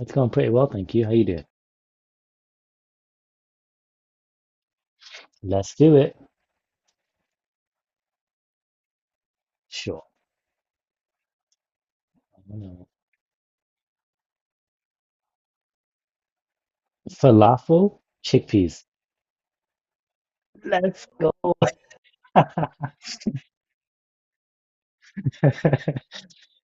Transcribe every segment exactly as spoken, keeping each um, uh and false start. It's going pretty well, thank you. How you doing? Let's do it. Sure. I'm gonna- Falafel, chickpeas. Let's go.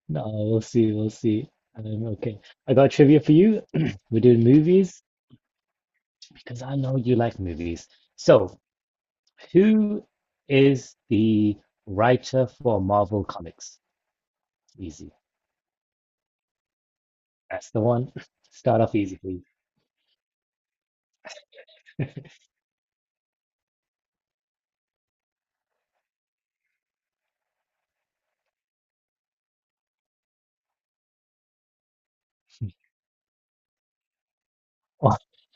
No, we'll see. We'll see. Um, okay. I got trivia for you. We're doing movies because I know you like movies. So, who is the writer for Marvel Comics? Easy. That's the one. Start off easy, please.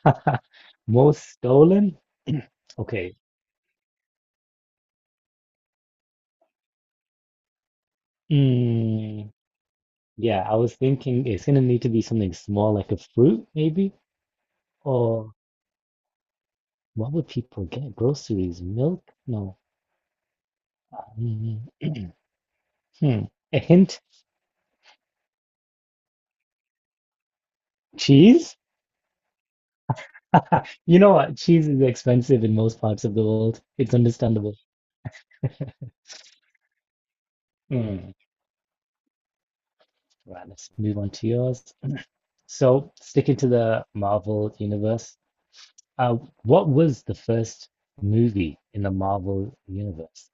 Most stolen? Okay. Hmm. Yeah, I was thinking it's gonna need to be something small, like a fruit, maybe? Or what would people get? Groceries, milk? No. Mm, hmm. A hint? Cheese? You know what? Cheese is expensive in most parts of the world. It's understandable. Mm. Right, let's move on to yours. So, sticking to the Marvel universe, uh, what was the first movie in the Marvel universe?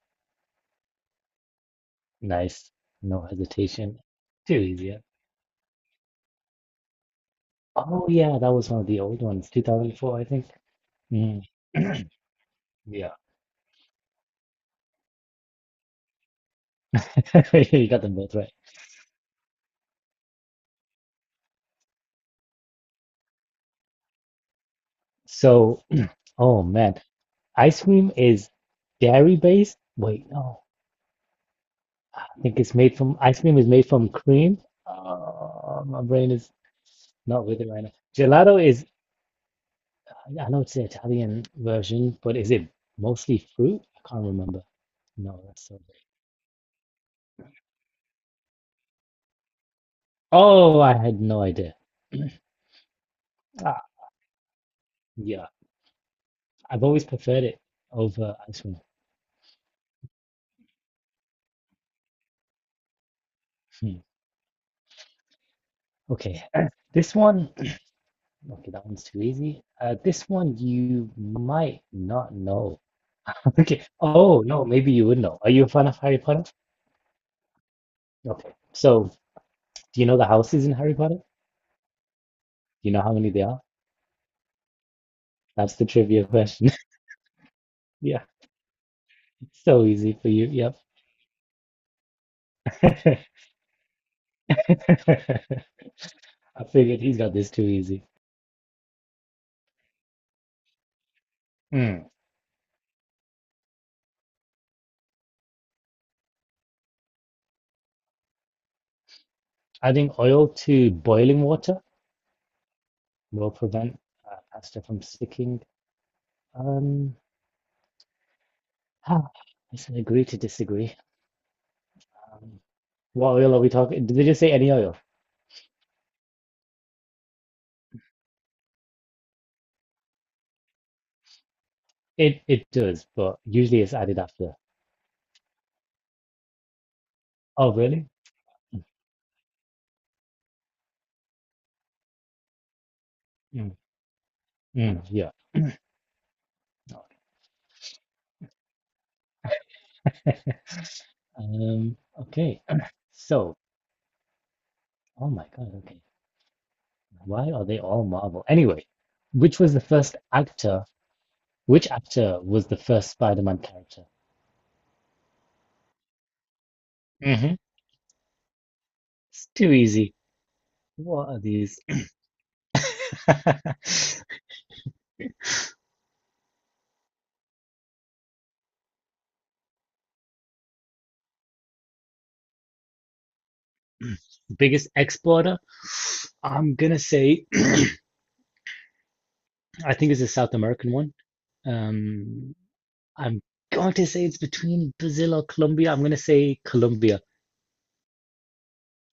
Nice, no hesitation. Too easy, yeah. Oh yeah, that was one of the old ones, two thousand four, I think. Mm. Yeah, you got them both right. So, oh man, ice cream is dairy based. Wait, no, I think it's made from ice cream is made from cream. Uh, my brain is not with it right now. Gelato is, I know it's the Italian version, but is it mostly fruit? I can't remember. No, that's so good. Oh, I had no idea. Ah, yeah, I've always preferred it over ice cream. Hmm. Okay, this one, okay, that one's too easy. Uh, this one you might not know. Okay, oh no, maybe you would know. Are you a fan of Harry Potter? Okay, so do you know the houses in Harry Potter? Do you know how many they are? That's the trivia question. Yeah, it's so easy for you. Yep. I figured he's got this too easy. Mm. Adding oil to boiling water will prevent uh, pasta from sticking. Um, ah, I said agree to disagree. Um, What oil are we talking? Did they just say any oil? It it does, but usually it's added after. Oh, really? Mm, mm, yeah. No. Um, okay. So, oh my God, okay. Why are they all Marvel? Anyway, which was the first actor? Which actor was the first Spider-Man character? Hmm. It's too easy. What are these? Biggest exporter? I'm gonna say, I think it's a South American one. Um, I'm going to say it's between Brazil or Colombia. I'm going to say Colombia.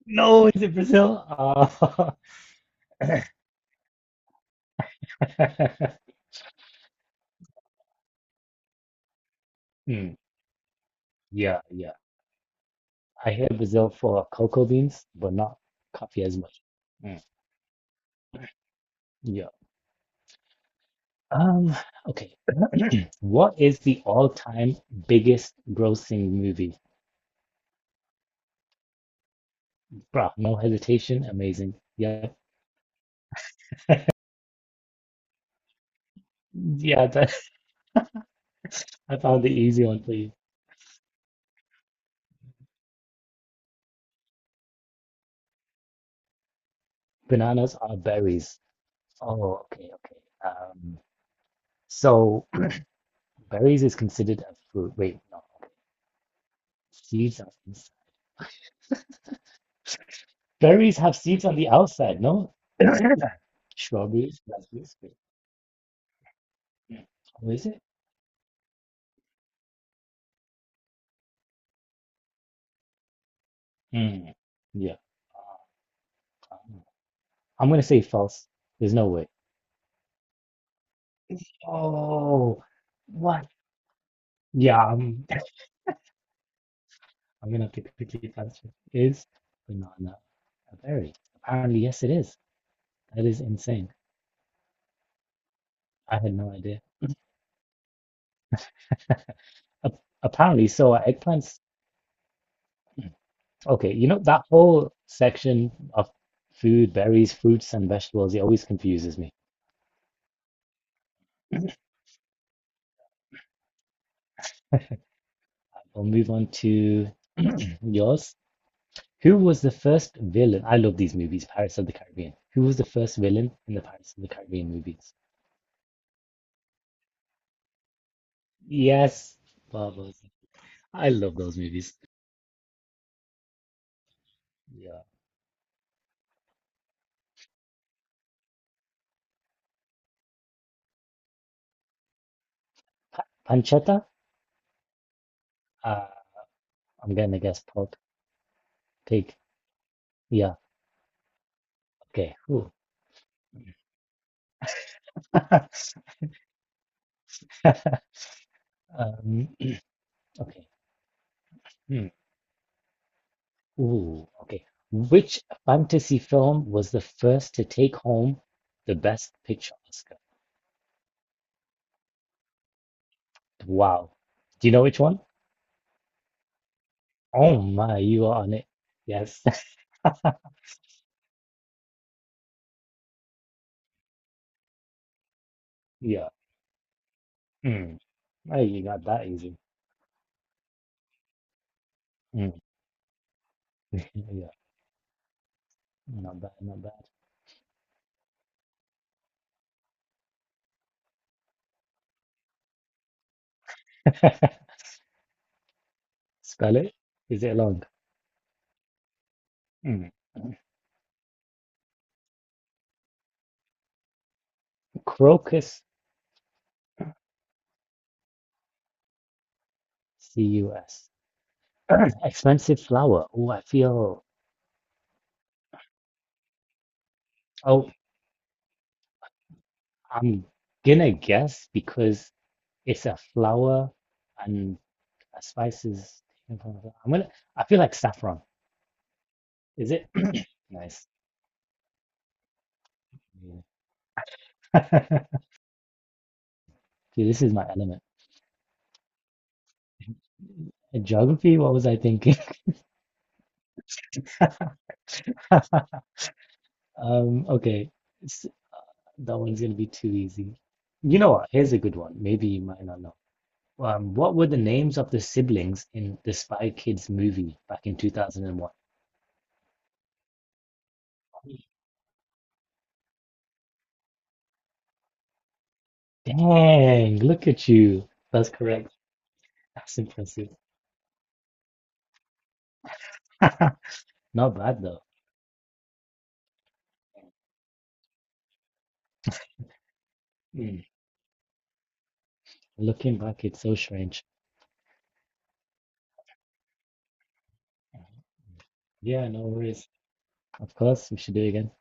No, is it Brazil? Ah. Hmm, yeah, yeah. I hear Brazil for cocoa beans, but not coffee as much. Mm, yeah. Um, okay. What is the all-time biggest grossing movie? Bruh, no hesitation. Amazing. Yeah. Yeah, that, I found the easy one for you. Bananas are berries. Oh, okay, okay. Um, so berries is considered a fruit. Wait, no. Seeds are ins- Berries have seeds on the outside, no? Strawberries, raspberries, wait. Yeah. Oh, is it? Mm. Yeah. Ah, I'm gonna say false. There's no way. Oh, what? Yeah, I'm, I'm gonna have to quickly answer. Is banana a berry? Apparently, yes, it is. That is insane. I had no idea. Ap- apparently, so are eggplants. Okay, you know, that whole section of food, berries, fruits, and vegetables, it always confuses me. We'll move on to yours. Who was the first villain? I love these movies, Pirates of the Caribbean. Who was the first villain in the Pirates of the Caribbean movies? Yes, Barbossa. I love those movies. Yeah. Pancetta? Uh, I'm gonna guess pork, pig. Yeah, okay. Ooh. Um, okay. Hmm. Ooh, okay. Which fantasy film was the first to take home the Best Picture Oscar? Wow. Do you know which one? Oh my, you are on it. Yes. Yeah. Mm. Oh, you got that easy. Mm. Yeah. Not bad, not bad. Spell it. Is it long? Mm. Crocus, C U S Expensive flower. Oh, I feel. Oh, I'm gonna guess because it's a flower, and a spice is taken from. the- I'm gonna. I feel like saffron. Is it? Nice. Yeah. Dude, this is my element. In geography, what was I thinking? Um, okay. s- That one's gonna be too easy. You know what? Here's a good one. Maybe you might not know. Um, what were the names of the siblings in the Spy Kids movie back in two thousand one? Dang, look at you. That's correct. That's impressive. Not bad though. Mm. Looking back, it's so strange. Yeah, no worries. Of course, we should do it again.